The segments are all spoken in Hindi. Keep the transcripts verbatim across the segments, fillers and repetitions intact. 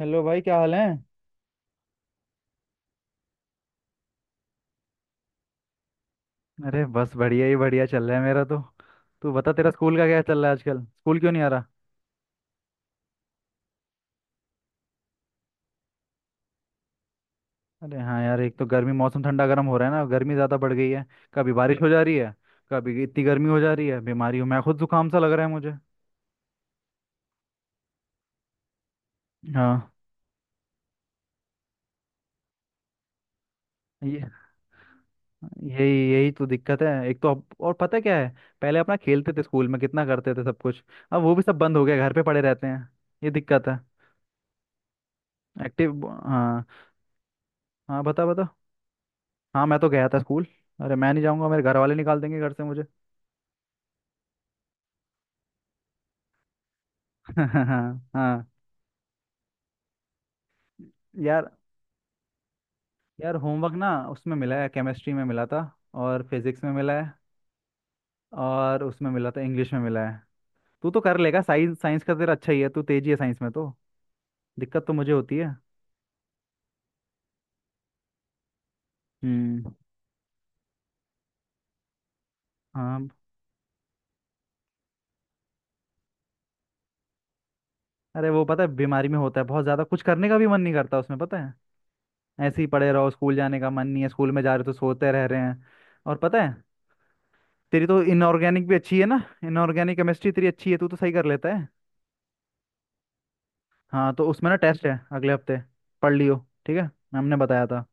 हेलो भाई, क्या हाल है? अरे बस बढ़िया ही बढ़िया चल रहा है मेरा तो। तू बता तेरा स्कूल का क्या चल रहा है? आजकल स्कूल क्यों नहीं आ रहा? अरे हाँ यार, एक तो गर्मी, मौसम ठंडा गर्म हो रहा है ना, गर्मी ज़्यादा बढ़ गई है। कभी बारिश हो जा रही है। कभी इतनी गर्मी हो जा रही है, बीमारी हूँ मैं खुद, जुकाम सा लग रहा है मुझे। हाँ। ये यही यही तो दिक्कत है, एक तो अब, और पता है क्या है? पहले अपना खेलते थे स्कूल में, कितना करते थे सब कुछ। अब वो भी सब बंद हो गया, घर पे पड़े रहते हैं। ये दिक्कत है। एक्टिव। हाँ। हाँ बता बता। हाँ मैं तो गया था स्कूल। अरे मैं नहीं जाऊँगा, मेरे घर वाले निकाल देंगे घर से मुझे। हाँ हाँ। यार, यार होमवर्क ना उसमें मिला है, केमिस्ट्री में मिला था। और फिजिक्स में मिला है। और उसमें मिला था, इंग्लिश में मिला है। तू तो कर लेगा, साइंस साइंस का तेरा अच्छा ही है, तू तेजी है साइंस में तो। दिक्कत तो मुझे होती है। हम्म। हाँ। अरे वो, पता है बीमारी में होता है, बहुत ज़्यादा कुछ करने का भी मन नहीं करता उसमें, पता है। ऐसे ही पड़े रहो, स्कूल जाने का मन नहीं है, स्कूल में जा रहे हो तो सोते रह रहे हैं। और पता है, तेरी तो इनऑर्गेनिक भी अच्छी है ना। इनऑर्गेनिक केमिस्ट्री तेरी अच्छी है, तू तो सही कर लेता है। हाँ तो उसमें ना टेस्ट है अगले हफ्ते। पढ़ लियो। ठीक है। मैम ने बताया था।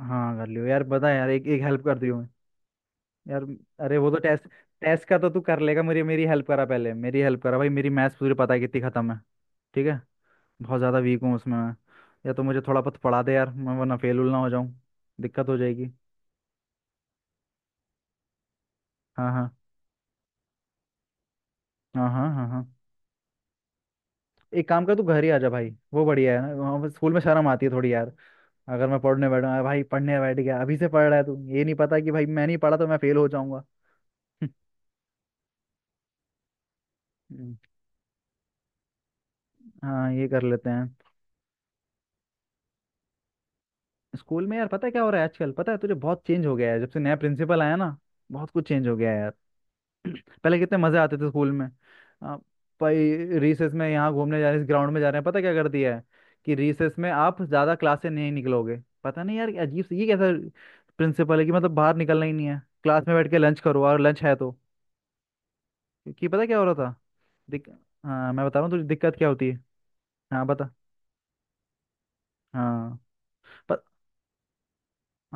हाँ कर लियो यार, बता यार, एक एक हेल्प कर दियो। यार, अरे वो तो टेस्ट, टेस्ट का तो तू कर लेगा। मेरी मेरी हेल्प करा पहले, मेरी हेल्प करा भाई, मेरी मैथ्स पूरी पता है कितनी खत्म है। ठीक है। बहुत ज़्यादा वीक हूँ उसमें मैं। या तो मुझे थोड़ा बहुत पढ़ा दे यार, मैं वरना फेल उल ना हो जाऊँ। दिक्कत हो जाएगी। हाँ हाँ हाँ हाँ। हाँ हाँ। एक काम कर, तू घर ही आ जा भाई, वो बढ़िया है ना, वहाँ पे स्कूल में शर्म आती है थोड़ी यार। अगर मैं पढ़ने बैठा भाई, पढ़ने बैठ गया, अभी से पढ़ रहा है तू, ये नहीं पता कि भाई मैं नहीं पढ़ा तो मैं फेल हो जाऊंगा। हम्म, हाँ, ये कर लेते हैं। स्कूल में यार पता है क्या हो रहा है आजकल? पता है तुझे, बहुत चेंज हो गया है जब से नया प्रिंसिपल आया ना। बहुत कुछ चेंज हो गया है यार। पहले कितने मजे आते थे स्कूल में। आ, भाई रिसेस में यहाँ घूमने जा रहे हैं, ग्राउंड में जा रहे हैं, पता क्या कर दिया है कि रिसेस में आप ज्यादा क्लास से नहीं निकलोगे। पता नहीं यार, अजीब से, ये कैसा प्रिंसिपल है कि मतलब बाहर निकलना ही नहीं है, क्लास में बैठ के लंच करो, और लंच है तो, क्योंकि पता क्या हो रहा था। दिक... हाँ मैं बता रहा हूँ तुझे दिक्कत क्या होती है। हाँ बता। हाँ।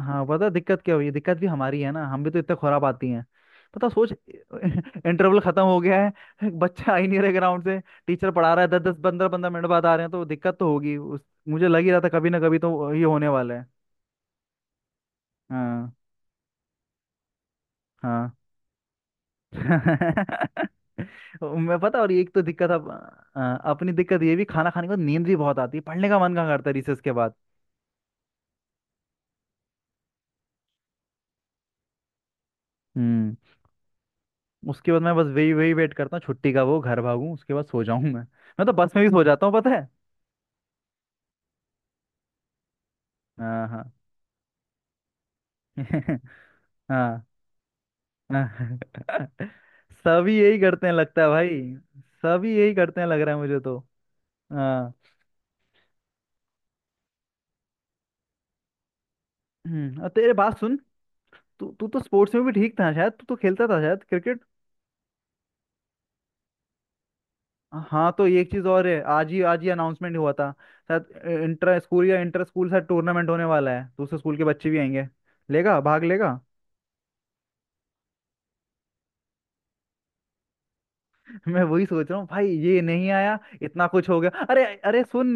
हाँ पता है दिक्कत क्या हुई है, दिक्कत भी हमारी है ना, हम भी तो इतने खुराब आती हैं, पता, सोच। इंटरवल खत्म हो गया है, बच्चा आ ही नहीं रहे ग्राउंड से, टीचर पढ़ा रहा है, दस दस पंद्रह पंद्रह मिनट बाद आ रहे हैं, तो दिक्कत तो होगी उस। मुझे लग ही रहा था कभी ना कभी तो ये होने वाला है। हाँ। हाँ। मैं पता, और एक तो दिक्कत अब, अ, अपनी दिक्कत ये भी, खाना खाने के बाद नींद भी बहुत आती है, पढ़ने का मन कहाँ करता है रिसेस के बाद? हम्म उसके बाद मैं बस वही वही वेट करता हूँ छुट्टी का, वो घर भागूं उसके बाद सो जाऊं, मैं मैं तो बस में भी सो जाता हूँ पता है। हाँ हाँ। हाँ हाँ। सभी यही करते हैं लगता है भाई। सभी यही करते हैं लग रहा है मुझे तो। हाँ। हम्म, और तेरे बात सुन, तू तू तो स्पोर्ट्स में भी ठीक था शायद, तू तो खेलता था शायद क्रिकेट। हाँ तो ये एक चीज और है, आज ही आज ही अनाउंसमेंट हुआ था, शायद इंटर स्कूल, या इंटर स्कूल शायद टूर्नामेंट होने वाला है, दूसरे स्कूल के बच्चे भी आएंगे। लेगा भाग लेगा? मैं वही सोच रहा हूँ भाई, ये नहीं आया इतना कुछ हो गया, अरे अरे सुन,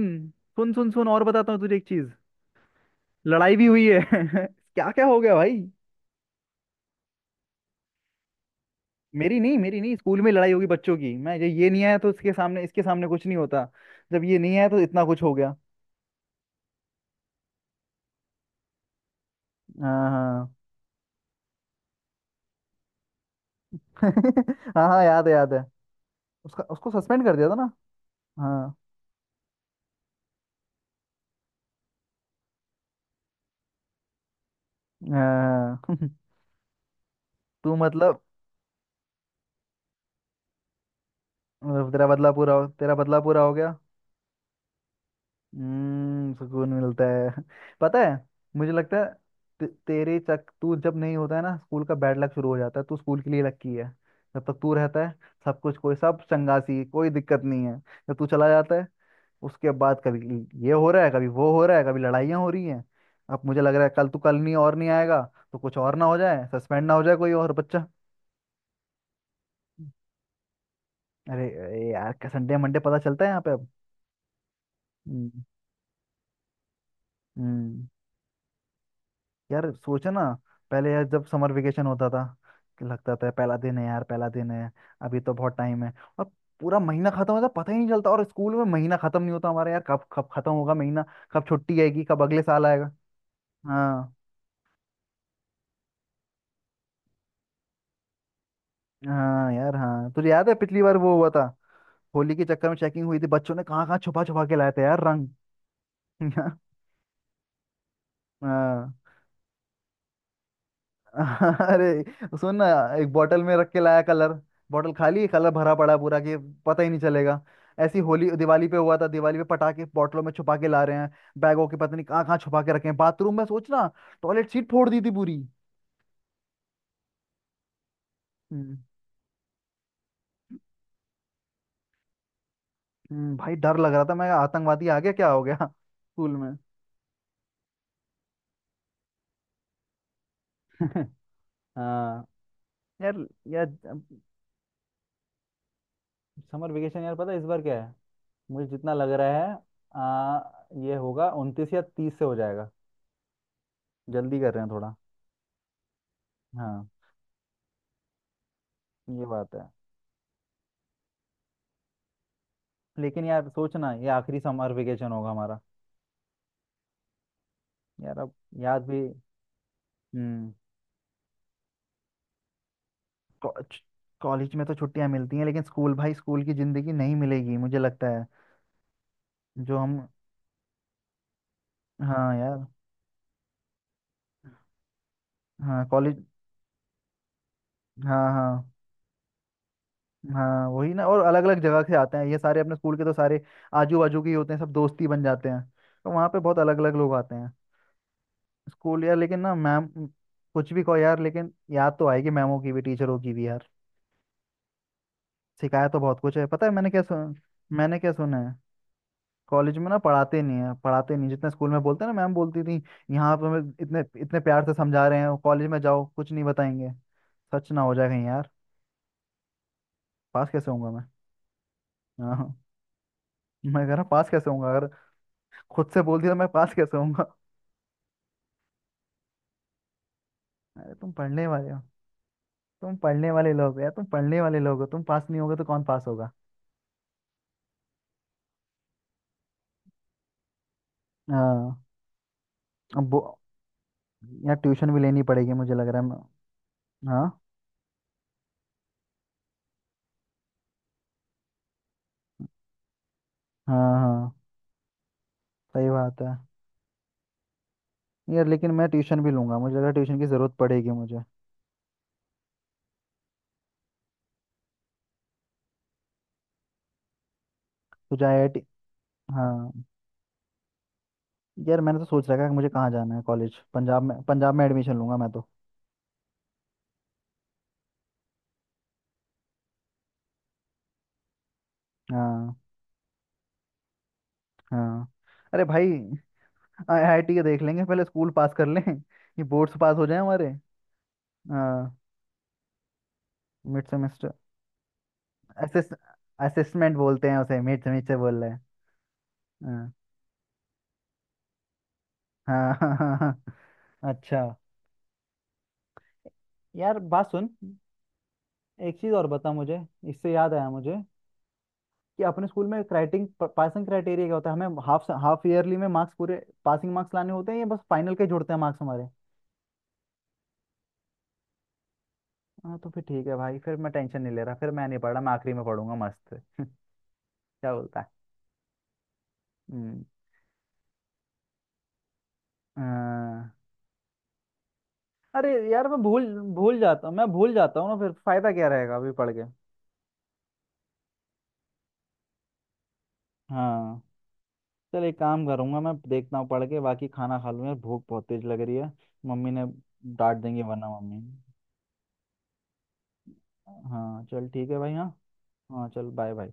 सुन सुन सुन और बताता हूँ तुझे एक चीज, लड़ाई भी हुई है। क्या क्या हो गया भाई। मेरी नहीं मेरी नहीं, स्कूल में लड़ाई होगी बच्चों की, मैं जब ये नहीं आया तो इसके सामने, इसके सामने कुछ नहीं होता, जब ये नहीं आया तो इतना कुछ हो गया। हाँ हाँ। हाँ हाँ, याद है याद है, उसका उसको सस्पेंड कर दिया था ना। हाँ। हाँ तू मतलब, तेरा बदला पूरा हो तेरा बदला पूरा हो गया। हम्म सुकून मिलता है। पता है, मुझे लगता है, ते- तेरे चक तू जब नहीं होता है ना, स्कूल का बैड लक शुरू हो जाता है, तू स्कूल के लिए लकी है। जब तक तू रहता है सब कुछ, कोई सब चंगासी, कोई दिक्कत नहीं है। जब तू चला जाता है, उसके बाद कभी ये हो रहा है, कभी वो हो रहा है, कभी लड़ाइयाँ हो रही हैं। अब मुझे लग रहा है कल तू कल नहीं और नहीं आएगा, तो कुछ और ना हो जाए, सस्पेंड ना हो जाए कोई और बच्चा। अरे अरे यार, संडे मंडे पता चलता है यहाँ पे अब। हम्म हम्म यार सोचा ना, पहले यार जब समर वेकेशन होता था कि लगता था पहला दिन है यार, पहला दिन है, अभी तो बहुत टाइम है। और पूरा महीना खत्म होता पता ही नहीं चलता, और स्कूल में महीना खत्म नहीं होता हमारा यार, कब कब खत्म होगा महीना, कब छुट्टी आएगी, कब अगले साल आएगा? हाँ हाँ यार, हाँ तुझे याद है पिछली बार वो हुआ था, होली के चक्कर में चेकिंग हुई थी, बच्चों ने कहाँ कहाँ छुपा छुपा के लाए थे यार रंग। हाँ, अरे सुन ना, एक बोतल में रख के लाया कलर, बोतल खाली है, कलर भरा पड़ा है पूरा, कि पता ही नहीं चलेगा। ऐसी होली, दिवाली पे हुआ था, दिवाली पे पटाखे बोतलों में छुपा के ला रहे हैं, बैगों के पता नहीं कहाँ कहाँ छुपा के रखे हैं, बाथरूम में सोच ना, टॉयलेट सीट फोड़ दी थी पूरी। हम्म हम्म, भाई डर लग रहा था, मैं आतंकवादी आ गया क्या, हो गया स्कूल में। हाँ यार। यार समर वेकेशन, यार पता है इस बार क्या है, मुझे जितना लग रहा है, आ, ये होगा उनतीस या तीस से हो जाएगा, जल्दी कर रहे हैं थोड़ा। हाँ ये बात है। लेकिन यार सोचना, ये आखिरी समर वेकेशन होगा हमारा यार, अब याद भी, हम्म कॉलेज में तो छुट्टियां मिलती हैं, लेकिन स्कूल भाई, स्कूल की जिंदगी नहीं मिलेगी मुझे लगता है। जो हम हाँ यार, हाँ कॉलेज। हाँ हाँ। हाँ वही ना, और अलग अलग जगह से आते हैं, ये सारे अपने स्कूल के तो सारे आजू बाजू के ही होते हैं सब, दोस्ती बन जाते हैं, तो वहाँ पे बहुत अलग अलग लोग आते हैं। स्कूल यार लेकिन ना मैम, कुछ भी कहो यार, लेकिन याद तो आएगी मैमों की भी, टीचरों की भी यार, सिखाया तो बहुत कुछ है, पता है, मैंने क्या सुन मैंने क्या सुना है, कॉलेज में ना पढ़ाते नहीं है, पढ़ाते नहीं जितना स्कूल में, बोलते हैं ना मैम बोलती थी, यहाँ पे हमें इतने इतने प्यार से समझा रहे हैं, कॉलेज में जाओ कुछ नहीं बताएंगे। सच ना हो जाए कहीं यार, पास कैसे होऊंगा मैं? हाँ मैं कह रहा हूँ, पास कैसे होऊंगा अगर खुद से बोलती तो, मैं पास कैसे होऊंगा? अरे तुम पढ़ने वाले हो, तुम पढ़ने वाले लोग हो यार, तुम पढ़ने वाले लोग हो, तुम पास नहीं होगे तो कौन पास होगा? हाँ। अब वो- यार ट्यूशन भी लेनी पड़ेगी, मुझे लग रहा है मैं- हाँ हाँ हाँ, सही बात है। यार, लेकिन मैं ट्यूशन भी लूंगा, मुझे लग रहा है ट्यूशन की ज़रूरत पड़ेगी मुझे। तुझे आईआईटी। हाँ। यार मैंने तो सोच रखा है कि मुझे कहाँ जाना है कॉलेज, पंजाब में, पंजाब में एडमिशन लूंगा मैं तो। हाँ हाँ। अरे भाई आईआईटी के देख लेंगे, पहले स्कूल पास कर लें, ये बोर्ड्स पास हो जाए हमारे। हाँ। Mid semester. असिस्ट असिस्मेंट बोलते हैं उसे, मिड सेमेस्टर बोल रहे हैं। हाँ। हाँ। हाँ हाँ हाँ। अच्छा, यार बात सुन, एक चीज़ और बता मुझे, इससे याद आया मुझे कि अपने स्कूल में, क्राइटिंग पासिंग क्राइटेरिया क्या होता है? हमें हाफ हाफ ईयरली में मार्क्स पूरे पासिंग मार्क्स लाने होते हैं या बस फाइनल के जुड़ते हैं मार्क्स हमारे? हाँ तो फिर ठीक है भाई, फिर मैं टेंशन नहीं ले रहा, फिर मैं नहीं पढ़ रहा, मैं आखिरी में पढ़ूंगा मस्त। क्या बोलता है? हम्म, अ, अरे यार मैं भूल भूल जाता हूँ, मैं भूल जाता हूँ ना, फिर फायदा क्या रहेगा अभी पढ़ के? हाँ चल, एक काम करूंगा मैं, देखता हूँ पढ़ के, बाकी खाना खा लूँ यार, भूख बहुत तेज लग रही है, मम्मी, ने डांट देंगी वरना मम्मी। हाँ चल ठीक है भाई, हाँ। हाँ चल, बाय बाय।